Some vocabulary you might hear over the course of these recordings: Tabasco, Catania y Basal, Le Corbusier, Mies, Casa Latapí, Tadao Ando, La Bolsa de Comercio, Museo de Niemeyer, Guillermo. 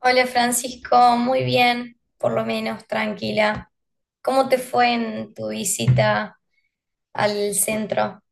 Hola Francisco, muy bien, por lo menos tranquila. ¿Cómo te fue en tu visita al centro?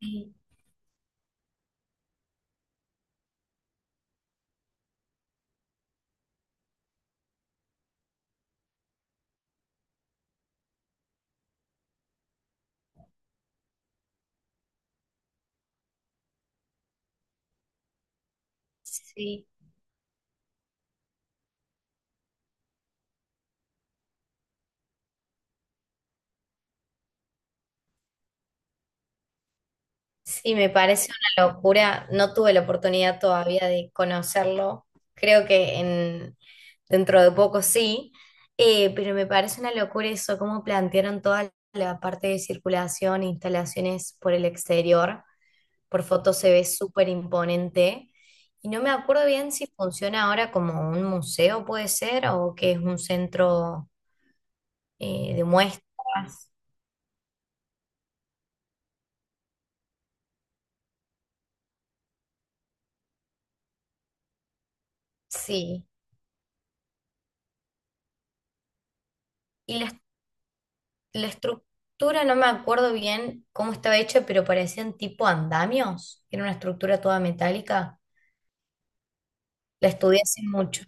Sí, sí, sí, me parece una locura. No tuve la oportunidad todavía de conocerlo. Creo que dentro de poco sí. Pero me parece una locura eso, cómo plantearon toda la parte de circulación, instalaciones por el exterior. Por foto se ve súper imponente. Y no me acuerdo bien si funciona ahora como un museo, puede ser, o que es un centro de muestras. Sí. Y la, la estructura, no me acuerdo bien cómo estaba hecha, pero parecían tipo andamios. Era una estructura toda metálica. La estudié hace mucho.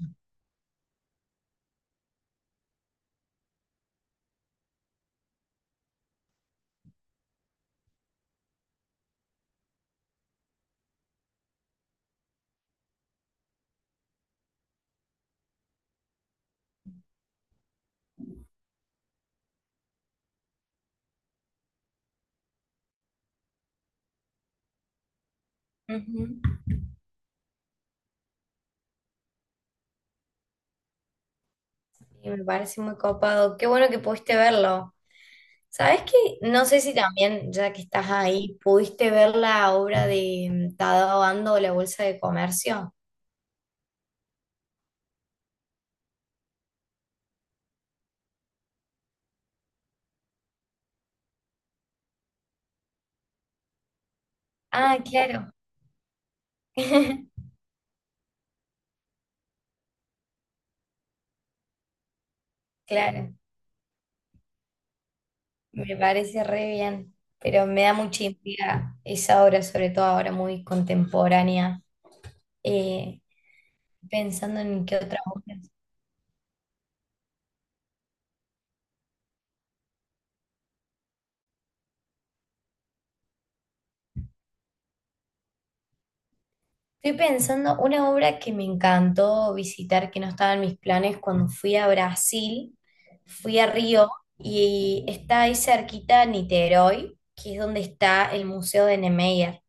Ujú. Y me parece muy copado. Qué bueno que pudiste verlo. ¿Sabes qué? No sé si también, ya que estás ahí, pudiste ver la obra de Tadao Ando, La Bolsa de Comercio. Ah, claro. Claro, me parece re bien, pero me da mucha intriga esa obra, sobre todo ahora muy contemporánea, eh, pensando en qué otra obra. Estoy pensando una obra que me encantó visitar, que no estaba en mis planes cuando fui a Brasil, fui a Río y está ahí cerquita Niterói, que es donde está el Museo de Niemeyer,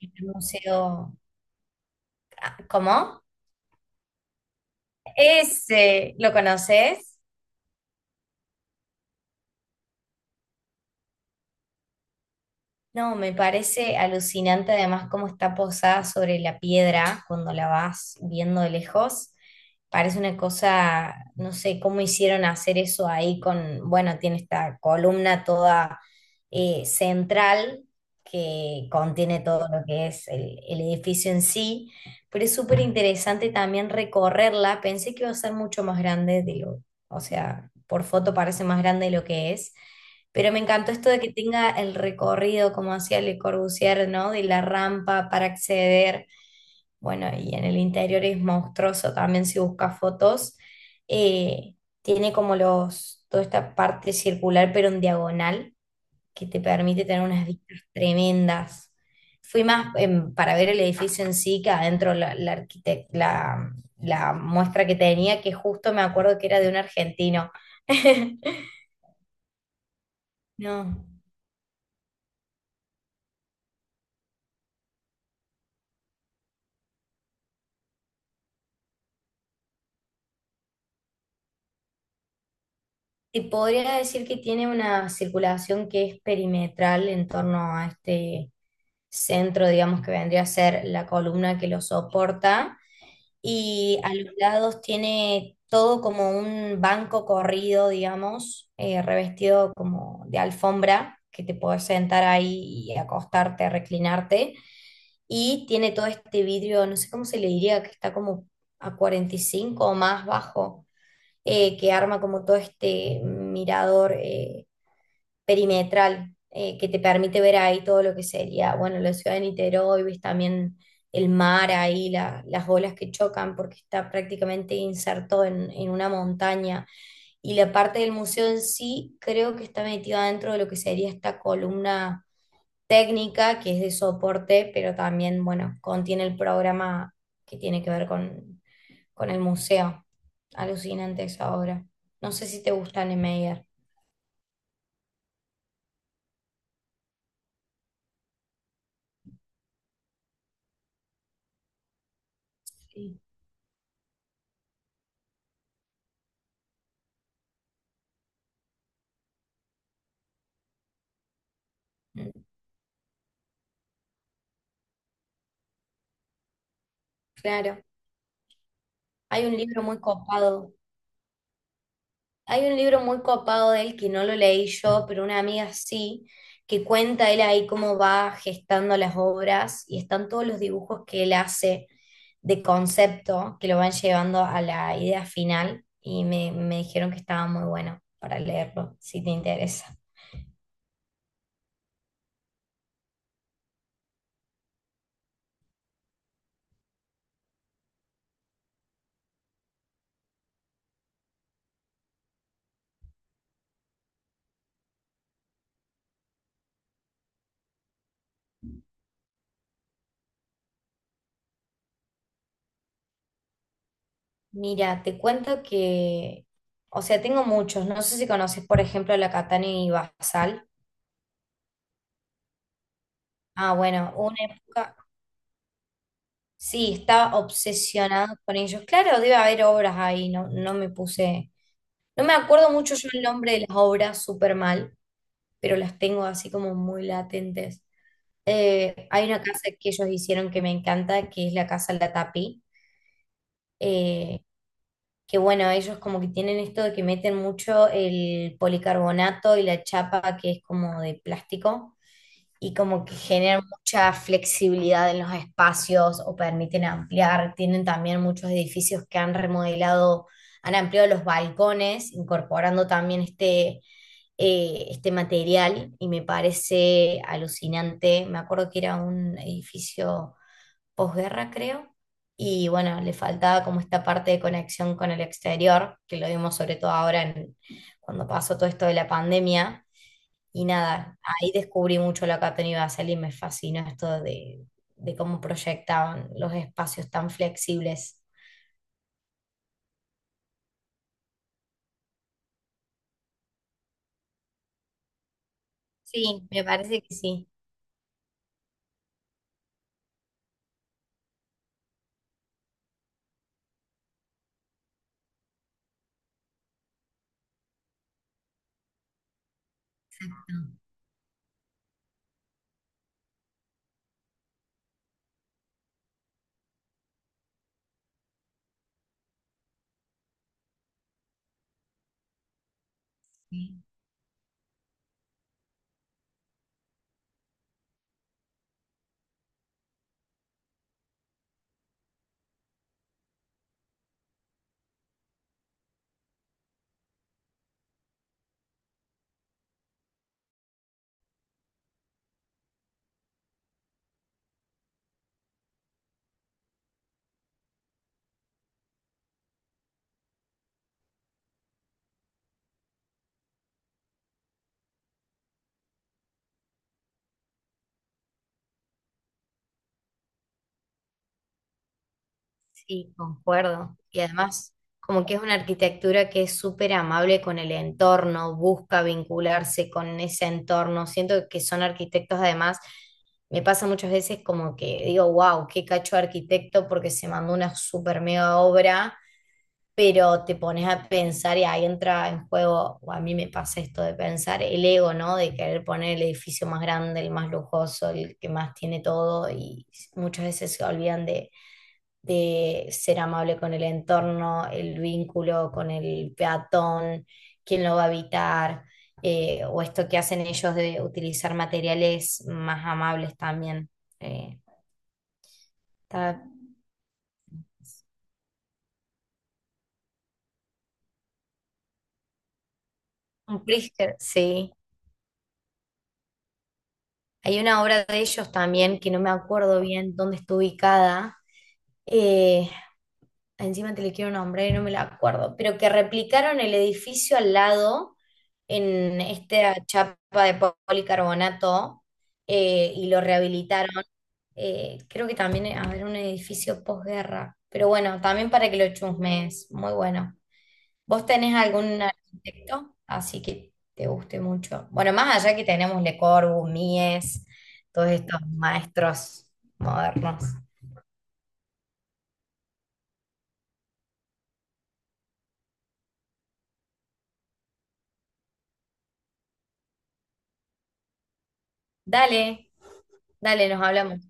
el museo, ¿cómo? Ese, ¿lo conoces? No, me parece alucinante además cómo está posada sobre la piedra cuando la vas viendo de lejos. Parece una cosa, no sé cómo hicieron hacer eso ahí con, bueno, tiene esta columna toda central, que contiene todo lo que el edificio en sí, pero es súper interesante también recorrerla. Pensé que iba a ser mucho más grande o sea, por foto parece más grande de lo que es, pero me encantó esto de que tenga el recorrido, como hacía Le Corbusier, ¿no? De la rampa para acceder. Bueno, y en el interior es monstruoso también si buscas fotos. Eh, Tiene como los, toda esta parte circular, pero en diagonal, que te permite tener unas vistas tremendas. Fui más para ver el edificio en sí que adentro la muestra que tenía, que justo me acuerdo que era de un argentino. No. Y podría decir que tiene una circulación que es perimetral en torno a este centro, digamos, que vendría a ser la columna que lo soporta, y a los lados tiene todo como un banco corrido, digamos, revestido como de alfombra, que te puedes sentar ahí y acostarte, reclinarte, y tiene todo este vidrio, no sé cómo se le diría, que está como a 45 o más bajo, que arma como todo este mirador perimetral, que te permite ver ahí todo lo que sería, bueno, la ciudad de Niterói, ves también el mar ahí, las olas que chocan porque está prácticamente inserto en una montaña. Y la parte del museo en sí creo que está metida dentro de lo que sería esta columna técnica que es de soporte, pero también, bueno, contiene el programa que tiene que ver con el museo. Alucinante esa obra. No sé si te gusta Niemeyer. Sí. Mm, Claro. Hay un libro muy copado Hay un libro muy copado de él que no lo leí yo, pero una amiga sí, que cuenta él ahí cómo va gestando las obras y están todos los dibujos que él hace de concepto que lo van llevando a la idea final y me dijeron que estaba muy bueno para leerlo, si te interesa. Mira, te cuento que, o sea, tengo muchos, no sé si conoces, por ejemplo, la Catania y Basal. Ah, bueno, una época. Sí, estaba obsesionado con ellos. Claro, debe haber obras ahí, no me puse. No me acuerdo mucho yo el nombre de las obras súper mal, pero las tengo así como muy latentes. Hay una casa que ellos hicieron que me encanta, que es la Casa Latapí. Eh, que bueno, ellos como que tienen esto de que meten mucho el policarbonato y la chapa que es como de plástico, y como que generan mucha flexibilidad en los espacios o permiten ampliar. Tienen también muchos edificios que han remodelado, han ampliado los balcones, incorporando también este material y me parece alucinante. Me acuerdo que era un edificio posguerra, creo. Y bueno, le faltaba como esta parte de conexión con el exterior, que lo vimos sobre todo ahora cuando pasó todo esto de la pandemia y nada, ahí descubrí mucho lo que ha tenido Basel y me fascinó esto de cómo proyectaban los espacios tan flexibles. Sí, me parece que sí, sí, sí, concuerdo. Y además como que es una arquitectura que es súper amable con el entorno, busca vincularse con ese entorno. Siento que son arquitectos además, me pasa muchas veces como que digo, wow, qué cacho de arquitecto porque se mandó una súper mega obra, pero te pones a pensar y ahí entra en juego, o a mí me pasa esto de pensar el ego, ¿no? De querer poner el edificio más grande, el más lujoso, el que más tiene todo y muchas veces se olvidan de ser amable con el entorno, el vínculo con el peatón, quién lo va a habitar, o esto que hacen ellos de utilizar materiales más amables también. Eh, Está un brisket, sí. Hay una obra de ellos también que no me acuerdo bien dónde está ubicada. eh, Encima te le quiero nombrar y no me la acuerdo, pero que replicaron el edificio al lado en esta chapa de policarbonato, y lo rehabilitaron. Creo que también, a ver, un edificio posguerra. Pero bueno, también para que lo chusmes, muy bueno. ¿Vos tenés algún arquitecto así que te guste mucho? Bueno, más allá que tenemos Le Corbusier, Mies, todos estos maestros modernos. Dale, dale, nos hablamos.